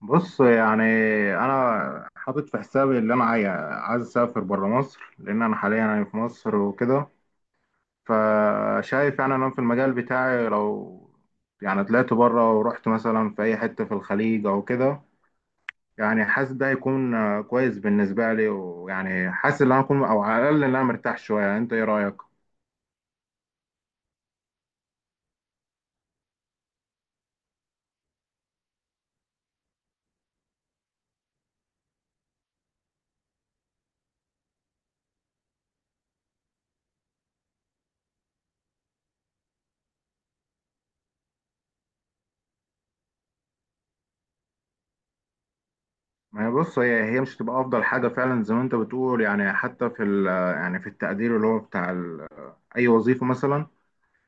بص، يعني انا حاطط في حسابي اللي انا عايز اسافر بره مصر، لان انا حاليا يعني في مصر وكده. فشايف يعني انا في المجال بتاعي، لو يعني طلعت بره ورحت مثلا في اي حته في الخليج او كده، يعني حاسس ده هيكون كويس بالنسبه لي، ويعني حاسس ان انا اكون او على الاقل ان انا مرتاح شويه. يعني انت ايه رايك؟ ما هي، بص، هي مش هتبقى افضل حاجه فعلا زي ما انت بتقول، يعني حتى في يعني في التقدير اللي هو بتاع اي وظيفه مثلا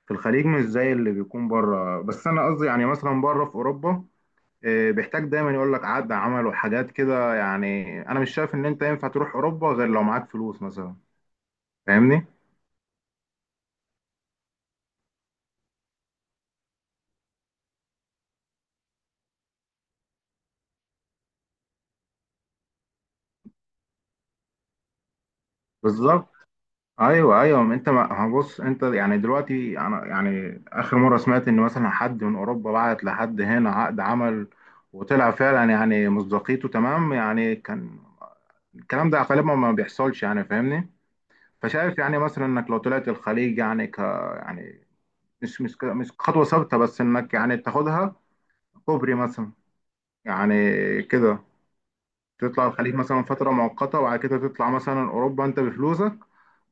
في الخليج مش زي اللي بيكون بره. بس انا قصدي يعني مثلا بره في اوروبا، بيحتاج دايما يقول لك عقد عمل وحاجات كده. يعني انا مش شايف ان انت ينفع تروح اوروبا غير لو معاك فلوس مثلا، فاهمني؟ بالظبط. ايوه ايوه، ما انت، ما بص انت، يعني دلوقتي انا يعني اخر مره سمعت ان مثلا حد من اوروبا بعت لحد هنا عقد عمل وطلع فعلا يعني مصداقيته تمام. يعني كان الكلام ده غالبا ما بيحصلش، يعني فاهمني. فشايف يعني مثلا انك لو طلعت الخليج، يعني يعني، مش خطوة ثابتة، بس إنك يعني تاخدها كوبري مثلا، يعني كده. تطلع الخليج مثلا فترة مؤقتة، وبعد كده تطلع مثلا أوروبا أنت بفلوسك.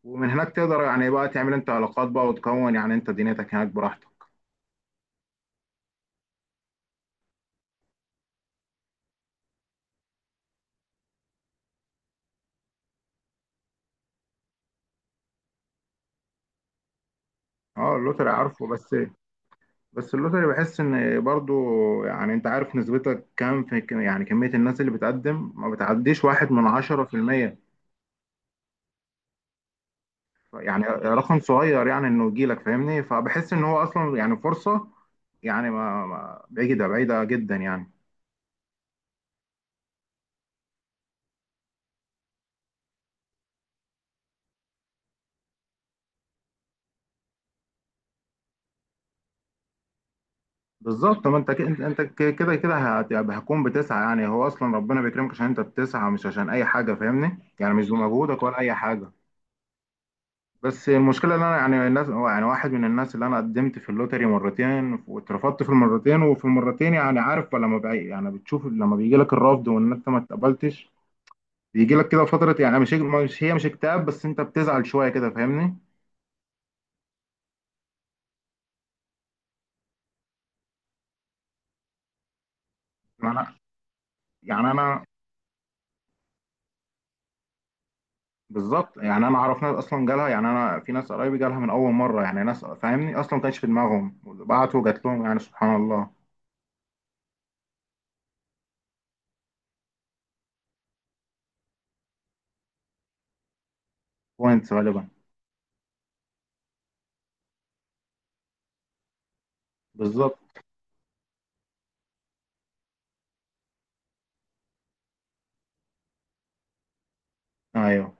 ومن هناك تقدر يعني بقى تعمل أنت علاقات بقى، وتكون يعني أنت دنيتك هناك براحتك. أه، اللوتري عارفه، بس اللوتري بحس إن برضو، يعني أنت عارف نسبتك كام في، يعني كمية الناس اللي بتقدم ما بتعديش واحد من 10%. يعني رقم صغير، يعني انه يجي لك، فاهمني؟ فبحس ان هو اصلا يعني فرصه، يعني بعيده بعيده جدا يعني. بالظبط، ما انت انت كده كده هتكون بتسعى. يعني هو اصلا ربنا بيكرمك عشان انت بتسعى، مش عشان اي حاجه، فاهمني؟ يعني مش بمجهودك ولا اي حاجه. بس المشكله ان انا، يعني الناس، يعني واحد من الناس اللي انا قدمت في اللوتري مرتين واترفضت في المرتين. وفي المرتين يعني عارف، لما بقى يعني بتشوف لما بيجي لك الرفض وان انت ما اتقبلتش، بيجي لك كده فترة، يعني مش مش هي مش اكتئاب، بس انت بتزعل شوية كده، فاهمني؟ يعني انا يعني انا. بالظبط، يعني انا اعرف ناس اصلا جالها، يعني انا في ناس قرايبي جالها من اول مرة. يعني ناس، فاهمني، اصلا ما كانش في دماغهم، بعتوا جات لهم، يعني سبحان الله. بوينتس غالبا. بالظبط. ايوه،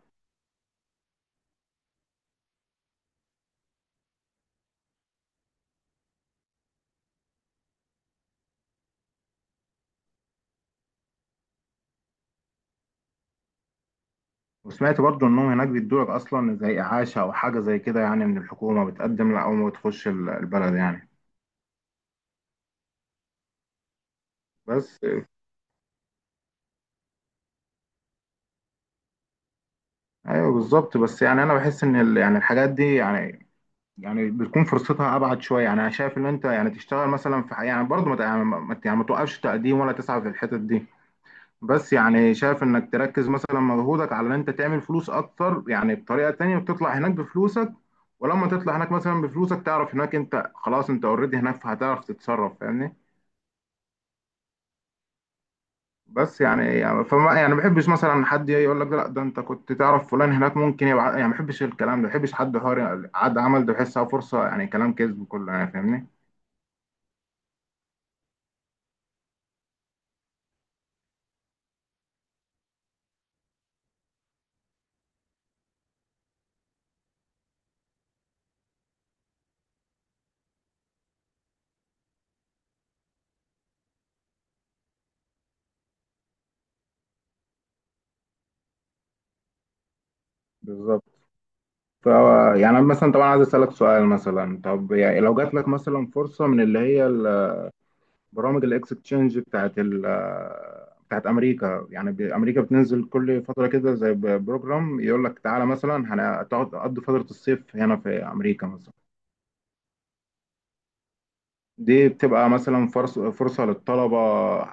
وسمعت برضو انهم هناك بيدوا لك اصلا زي اعاشة او حاجة زي كده، يعني من الحكومة بتقدم لها اول ما بتخش البلد يعني. بس، ايوه بالظبط، بس يعني انا بحس ان يعني الحاجات دي، يعني بتكون فرصتها ابعد شويه. يعني انا شايف ان انت يعني تشتغل مثلا في حاجه، يعني برضه ما ت- يعني ما يعني ما توقفش تقديم ولا تسعى في الحتت دي. بس يعني شايف انك تركز مثلا مجهودك على ان انت تعمل فلوس اكتر، يعني بطريقه تانية وتطلع هناك بفلوسك. ولما تطلع هناك مثلا بفلوسك، تعرف هناك انت خلاص، انت اوريدي هناك، فهتعرف تتصرف، فاهمني؟ بس يعني يعني فما يعني ما بحبش مثلا حد يجي يقول لك لا ده انت كنت تعرف فلان هناك ممكن يبقى، يعني ما بحبش الكلام ده. ما بحبش حد، حوار عد عمل ده بحسها فرصه، يعني كلام كذب كله، يعني فاهمني. بالظبط. ف يعني أنا مثلا طبعا عايز أسألك سؤال مثلا. طب يعني لو جات لك مثلا فرصة من اللي هي برامج الاكسشينج بتاعت أمريكا، يعني أمريكا بتنزل كل فترة كده زي بروجرام، يقول لك تعالى مثلا هتقعد تقضي فترة الصيف هنا في أمريكا مثلا. دي بتبقى مثلا فرصة للطلبة،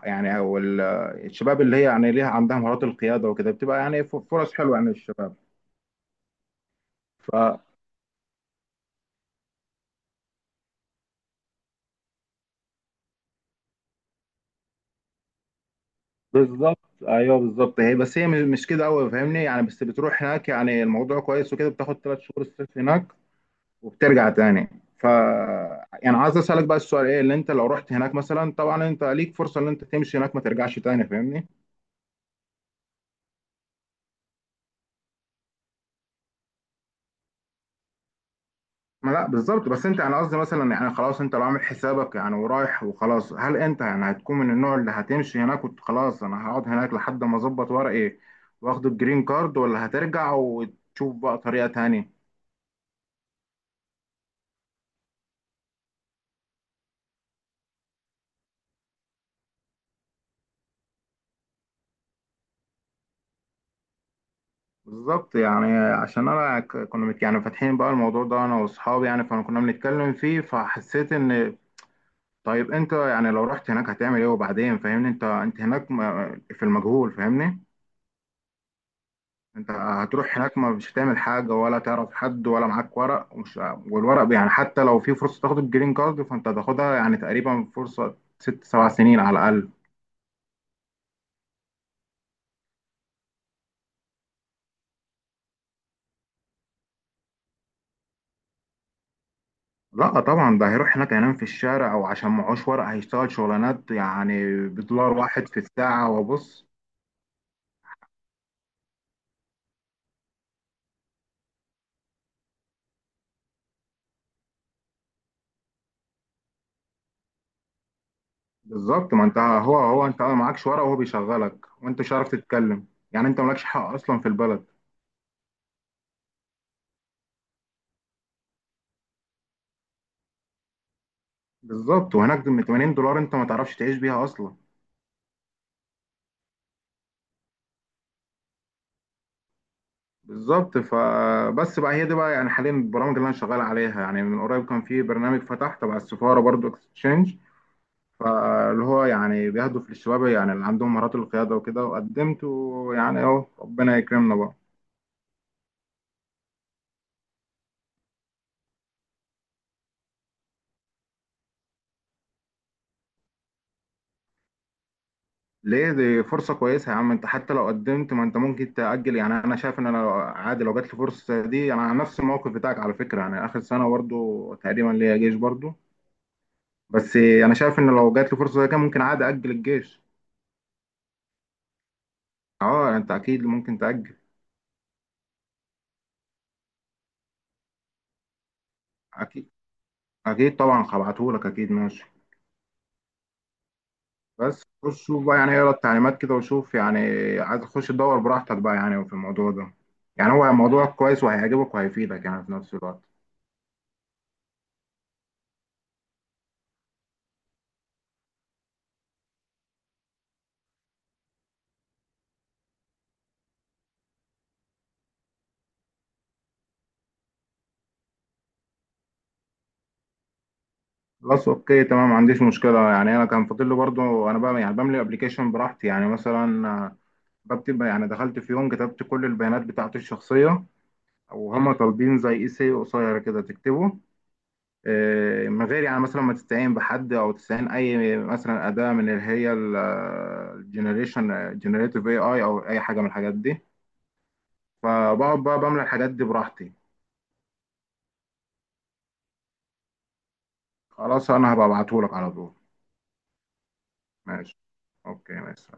يعني أو الشباب اللي هي يعني ليها، عندها مهارات القيادة وكده، بتبقى يعني فرص حلوة يعني للشباب. بالظبط، ايوه بالظبط. هي بس هي مش كده قوي، فاهمني؟ يعني بس بتروح هناك، يعني الموضوع كويس وكده، بتاخد 3 شهور الصيف هناك وبترجع تاني. ف يعني عايز اسالك بقى السؤال، ايه اللي انت لو رحت هناك مثلا؟ طبعا انت ليك فرصه ان انت تمشي هناك ما ترجعش تاني، فاهمني؟ ما لا، بالظبط، بس انت يعني قصدي مثلا، يعني خلاص انت لو عامل حسابك يعني ورايح وخلاص، هل انت يعني هتكون من النوع اللي هتمشي هناك وخلاص انا هقعد هناك لحد ما اظبط ورقي واخد الجرين كارد، ولا هترجع وتشوف بقى طريقه تانية؟ بالظبط، يعني عشان انا كنا يعني فاتحين بقى الموضوع ده انا واصحابي، يعني فانا كنا بنتكلم فيه، فحسيت ان طيب انت يعني لو رحت هناك هتعمل ايه وبعدين، فاهمني؟ انت هناك في المجهول، فاهمني؟ انت هتروح هناك ما مش هتعمل حاجه ولا تعرف حد ولا معاك ورق ومش، والورق يعني حتى لو في فرصه تاخد الجرين كارد فانت هتاخدها يعني تقريبا فرصه ست سبع سنين على الاقل. لا طبعا ده هيروح هناك هينام في الشارع، او عشان معهوش ورق هيشتغل شغلانات يعني بدولار واحد في الساعه، وبص. بالظبط، ما انت، هو هو انت ما معكش ورقه وهو بيشغلك وانت مش عارف تتكلم، يعني انت مالكش حق اصلا في البلد. بالظبط، وهناك ب $80 انت ما تعرفش تعيش بيها اصلا. بالظبط، فبس بقى، هي دي بقى يعني حاليا البرامج اللي انا شغال عليها. يعني من قريب كان في برنامج فتح تبع السفاره برضو، اكستشينج، فاللي هو يعني بيهدف للشباب، يعني اللي عندهم مهارات القياده وكده، وقدمت، ويعني اهو ربنا يكرمنا بقى. ليه؟ دي فرصة كويسة يا عم انت. حتى لو قدمت، ما انت ممكن تأجل. يعني انا شايف ان انا عادي، لو جات لي فرصة دي، انا على نفس الموقف بتاعك على فكرة، يعني اخر سنة برضو تقريبا ليا جيش برضو. بس انا شايف ان لو جات لي فرصة زي كده، ممكن عادي أأجل الجيش. اه، يعني انت اكيد ممكن تأجل. اكيد. اكيد طبعا هبعتهولك، اكيد، ماشي. بس خش شوف بقى، يعني اقرا التعليمات كده وشوف يعني. عايز تخش تدور براحتك بقى يعني في الموضوع ده. يعني هو موضوع كويس، وهيعجبك وهيفيدك يعني في نفس الوقت. خلاص اوكي، تمام، ما عنديش مشكله. يعني انا كان فاضل لي برضو انا بقى يعني بملي ابلكيشن براحتي، يعني مثلا بكتب يعني. دخلت في يوم كتبت كل البيانات بتاعتي الشخصيه، وهم طالبين زي اي سي قصير كده تكتبه، من غير يعني مثلا ما تستعين بحد او تستعين اي مثلا اداه من اللي هي الجنريشن جنريتيف AI، او اي حاجه من الحاجات دي. فبقعد بقى بملى الحاجات دي براحتي. خلاص انا هبقى ابعتهولك على طول. ماشي، اوكي، ماشي.